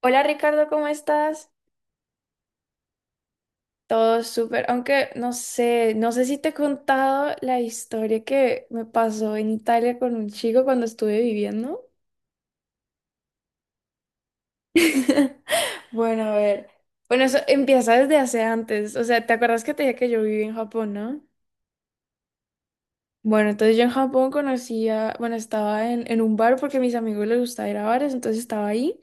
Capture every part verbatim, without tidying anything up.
Hola Ricardo, ¿cómo estás? Todo súper, aunque no sé, no sé si te he contado la historia que me pasó en Italia con un chico cuando estuve viviendo. Bueno, a ver. Bueno, eso empieza desde hace antes. O sea, ¿te acuerdas que te dije que yo viví en Japón, no? Bueno, entonces yo en Japón conocía, bueno, estaba en, en un bar porque a mis amigos les gustaba ir a bares, entonces estaba ahí.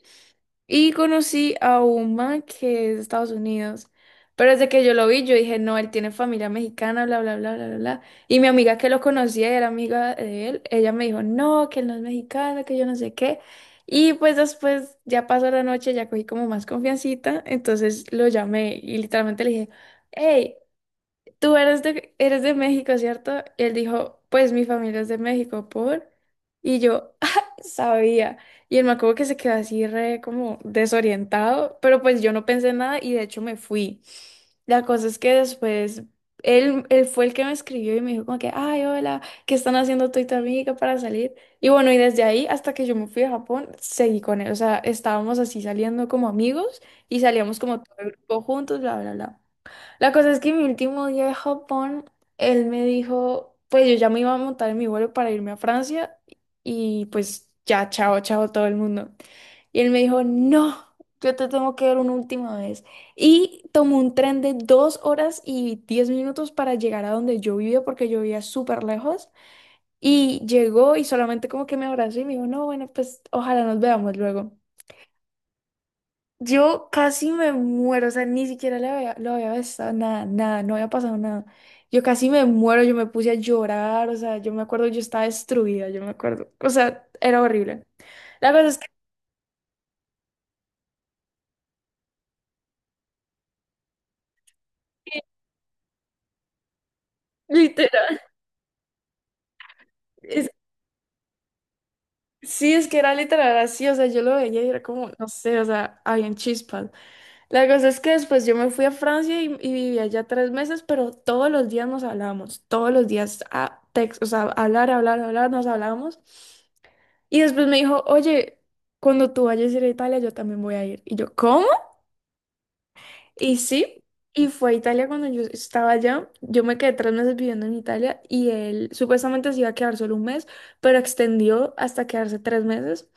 Y conocí a un man que es de Estados Unidos. Pero desde que yo lo vi, yo dije, no, él tiene familia mexicana, bla, bla, bla, bla, bla, bla. Y mi amiga que lo conocía y era amiga de él, ella me dijo, no, que él no es mexicano, que yo no sé qué. Y pues después ya pasó la noche, ya cogí como más confiancita. Entonces lo llamé y literalmente le dije, hey, tú eres de, eres de México, ¿cierto? Y él dijo, pues mi familia es de México, ¿por? Y yo, "Ah, sabía". Y él, me acuerdo que se quedó así re como desorientado, pero pues yo no pensé nada y de hecho me fui. La cosa es que después él, él fue el que me escribió y me dijo como que, ay, hola, ¿qué están haciendo tú y tu amiga para salir? Y bueno, y desde ahí hasta que yo me fui a Japón, seguí con él. O sea, estábamos así saliendo como amigos y salíamos como todo el grupo juntos, bla, bla, bla. La cosa es que mi último día de Japón, él me dijo, pues yo ya me iba a montar en mi vuelo para irme a Francia y pues ya, chao, chao todo el mundo. Y él me dijo, no, yo te tengo que ver una última vez. Y tomó un tren de dos horas y diez minutos para llegar a donde yo vivía porque yo vivía súper lejos. Y llegó y solamente como que me abrazó y me dijo, no, bueno, pues ojalá nos veamos luego. Yo casi me muero, o sea, ni siquiera le había, lo había besado, nada, nada, no había pasado nada. Yo casi me muero, yo me puse a llorar, o sea, yo me acuerdo, yo estaba destruida, yo me acuerdo, o sea, era horrible. La cosa es que, literal, es- sí, es que era literal así, o sea, yo lo veía y era como, no sé, o sea, habían chispas. La cosa es que después yo me fui a Francia y, y viví allá tres meses, pero todos los días nos hablábamos, todos los días, a text, o sea, hablar, hablar, hablar, nos hablábamos. Y después me dijo, oye, cuando tú vayas a ir a Italia, yo también voy a ir. Y yo, ¿cómo? Y sí, y fue a Italia cuando yo estaba allá. Yo me quedé tres meses viviendo en Italia y él supuestamente se iba a quedar solo un mes, pero extendió hasta quedarse tres meses.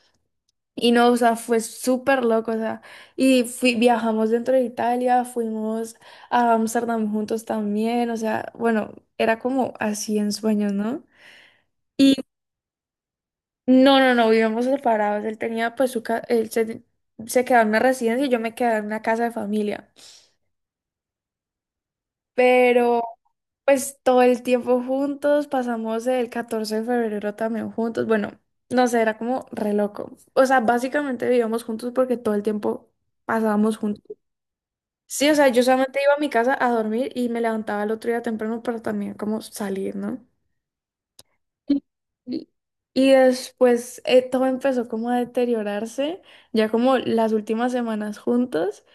Y no, o sea, fue súper loco, o sea, y fui, viajamos dentro de Italia, fuimos a Amsterdam juntos también, o sea, bueno, era como así en sueños, ¿no? No, no, no, vivíamos separados. Él tenía, pues, su ca- él se, se quedaba en una residencia y yo me quedaba en una casa de familia. Pero, pues, todo el tiempo juntos, pasamos el catorce de febrero también juntos. Bueno, no sé, era como re loco. O sea, básicamente vivíamos juntos porque todo el tiempo pasábamos juntos. Sí, o sea, yo solamente iba a mi casa a dormir y me levantaba el otro día temprano para también como salir, ¿no? Y y y después eh, todo empezó como a deteriorarse, ya como las últimas semanas juntos,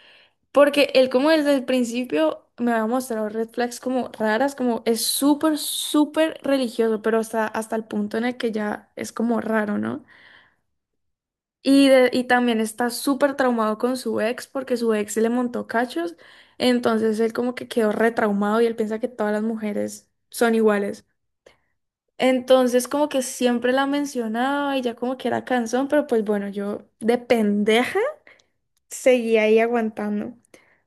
porque él como desde el principio me había mostrado red flags como raras, como es súper, súper religioso, pero hasta, hasta el punto en el que ya es como raro, ¿no? Y, de- y también está súper traumado con su ex porque su ex le montó cachos, entonces él como que quedó retraumado y él piensa que todas las mujeres son iguales. Entonces como que siempre la mencionaba y ya como que era cansón, pero pues bueno, yo de pendeja seguía ahí aguantando.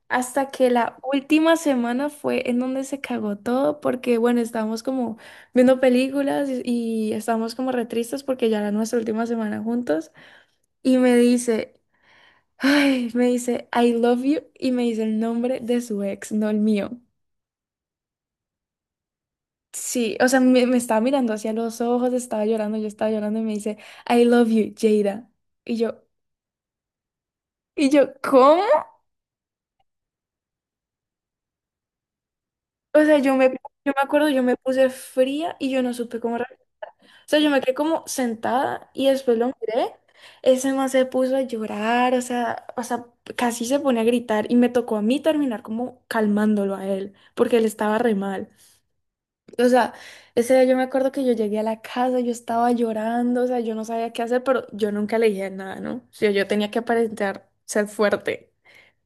Hasta que la última semana fue en donde se cagó todo, porque bueno, estábamos como viendo películas y, y estábamos como re tristes porque ya era nuestra última semana juntos. Y me dice, ay, me dice, I love you, y me dice el nombre de su ex, no el mío. Sí, o sea, me, me estaba mirando hacia los ojos, estaba llorando, yo estaba llorando y me dice, I love you, Jada. Y yo, y yo, ¿cómo? O sea, yo me, yo me acuerdo, yo me puse fría y yo no supe cómo. re- O sea, yo me quedé como sentada y después lo miré. Ese man se puso a llorar, o sea, o sea, casi se pone a gritar y me tocó a mí terminar como calmándolo a él, porque él estaba re mal. O sea, ese día yo me acuerdo que yo llegué a la casa, yo estaba llorando, o sea, yo no sabía qué hacer, pero yo nunca le dije nada, ¿no? O sea, yo tenía que aparentar ser fuerte,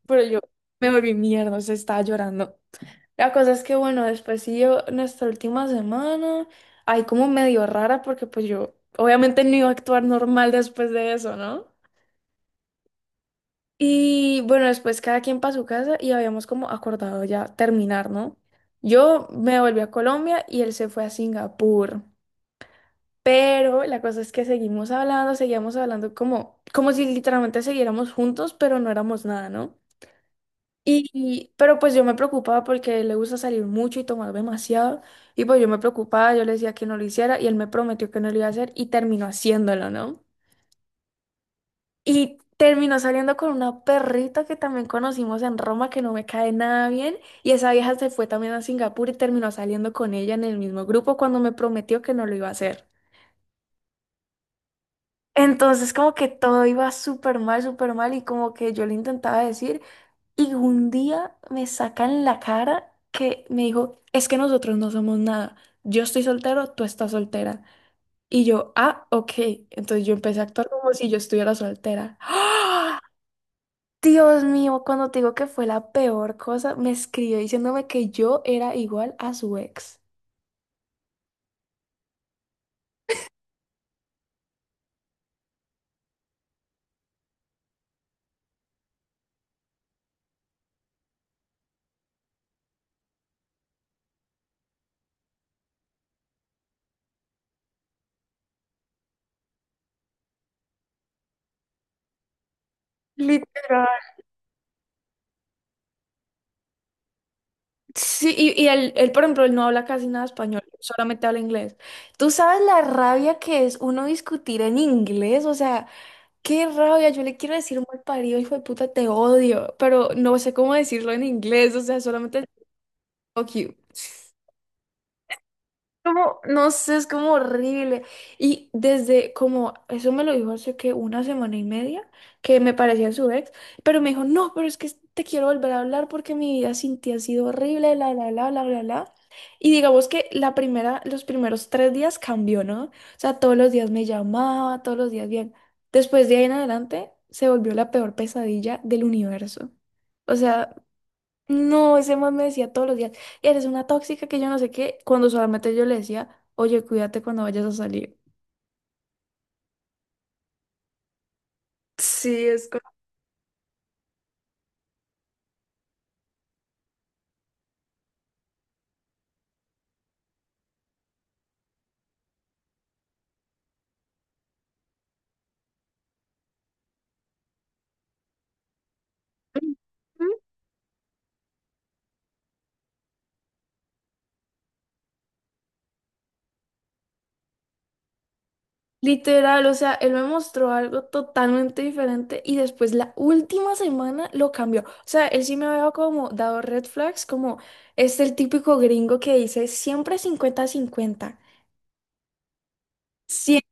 pero yo me volví mierda, o sea, estaba llorando. La cosa es que, bueno, después siguió nuestra última semana, ahí como medio rara, porque pues yo obviamente no iba a actuar normal después de eso, ¿no? Y bueno, después cada quien para su casa y habíamos como acordado ya terminar, ¿no? Yo me volví a Colombia y él se fue a Singapur. Pero la cosa es que seguimos hablando, seguíamos hablando como, como si literalmente siguiéramos juntos, pero no éramos nada, ¿no? Y, y- pero pues yo me preocupaba porque le gusta salir mucho y tomar demasiado. Y pues yo me preocupaba, yo le decía que no lo hiciera y él me prometió que no lo iba a hacer y terminó haciéndolo, ¿no? Y terminó saliendo con una perrita que también conocimos en Roma que no me cae nada bien. Y esa vieja se fue también a Singapur y terminó saliendo con ella en el mismo grupo cuando me prometió que no lo iba a hacer. Entonces como que todo iba súper mal, súper mal y como que yo le intentaba decir y un día me saca en la cara que me dijo, es que nosotros no somos nada, yo estoy soltero, tú estás soltera. Y yo, ah, ok, entonces yo empecé a actuar como si yo estuviera soltera. ¡Ah! Dios mío, cuando te digo que fue la peor cosa, me escribió diciéndome que yo era igual a su ex. Literal. Sí, y, y él, él, por ejemplo, él no habla casi nada español, solamente habla inglés. ¿Tú sabes la rabia que es uno discutir en inglés? O sea, qué rabia, yo le quiero decir mal parido, hijo de puta, te odio, pero no sé cómo decirlo en inglés, o sea, solamente fuck you. Como, no sé, es como horrible. Y desde como, eso me lo dijo hace que una semana y media, que me parecía su ex, pero me dijo, no, pero es que te quiero volver a hablar porque mi vida sin ti ha sido horrible, la, la, la, la, la, la. Y digamos que la primera, los primeros tres días cambió, ¿no? O sea, todos los días me llamaba, todos los días bien. Después de ahí en adelante, se volvió la peor pesadilla del universo. O sea, no, ese man me decía todos los días, eres una tóxica que yo no sé qué, cuando solamente yo le decía, oye, cuídate cuando vayas a salir. Sí, es co- literal, o sea, él me mostró algo totalmente diferente y después la última semana lo cambió. O sea, él sí me había como dado red flags, como es el típico gringo que dice siempre cincuenta cincuenta. Siempre.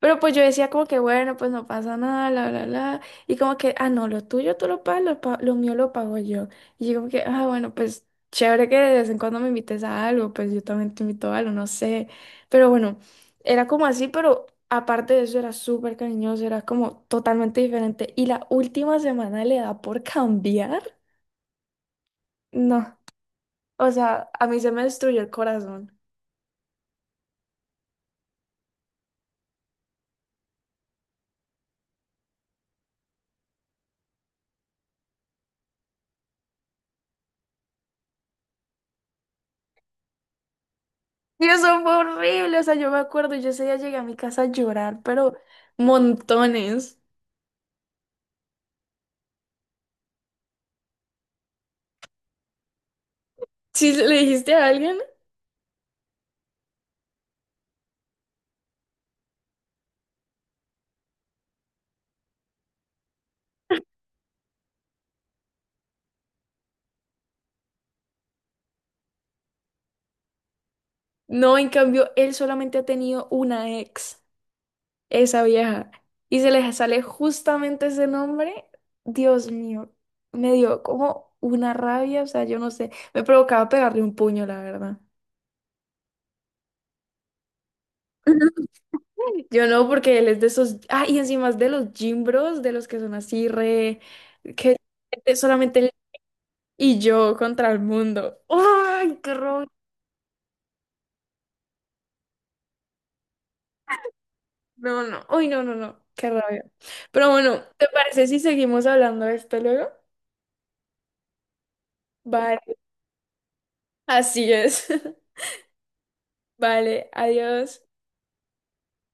Pero pues yo decía como que bueno, pues no pasa nada, bla, bla, bla. Y como que, ah, no, lo tuyo tú lo pagas, lo, pa- lo mío lo pago yo. Y yo como que, ah, bueno, pues chévere que de vez en cuando me invites a algo, pues yo también te invito a algo, no sé. Pero bueno, era como así, pero aparte de eso era súper cariñoso, era como totalmente diferente. Y la última semana le da por cambiar. No, o sea, a mí se me destruyó el corazón. Y eso fue horrible, o sea, yo me acuerdo, yo ese día llegué a mi casa a llorar, pero montones. Si se le dijiste a alguien, no, en cambio, él solamente ha tenido una ex, esa vieja, y se le sale justamente ese nombre, Dios mío, me dio como una rabia, o sea, yo no sé, me provocaba pegarle un puño, la verdad. Yo no, porque él es de esos, ah, y encima es de los gym bros, de los que son así re, que solamente él y yo contra el mundo. ¡Ay, qué rabia! No, no. Uy, no, no, no. Qué rabia. Pero bueno, ¿te parece si seguimos hablando de esto luego? Vale. Así es. Vale, adiós.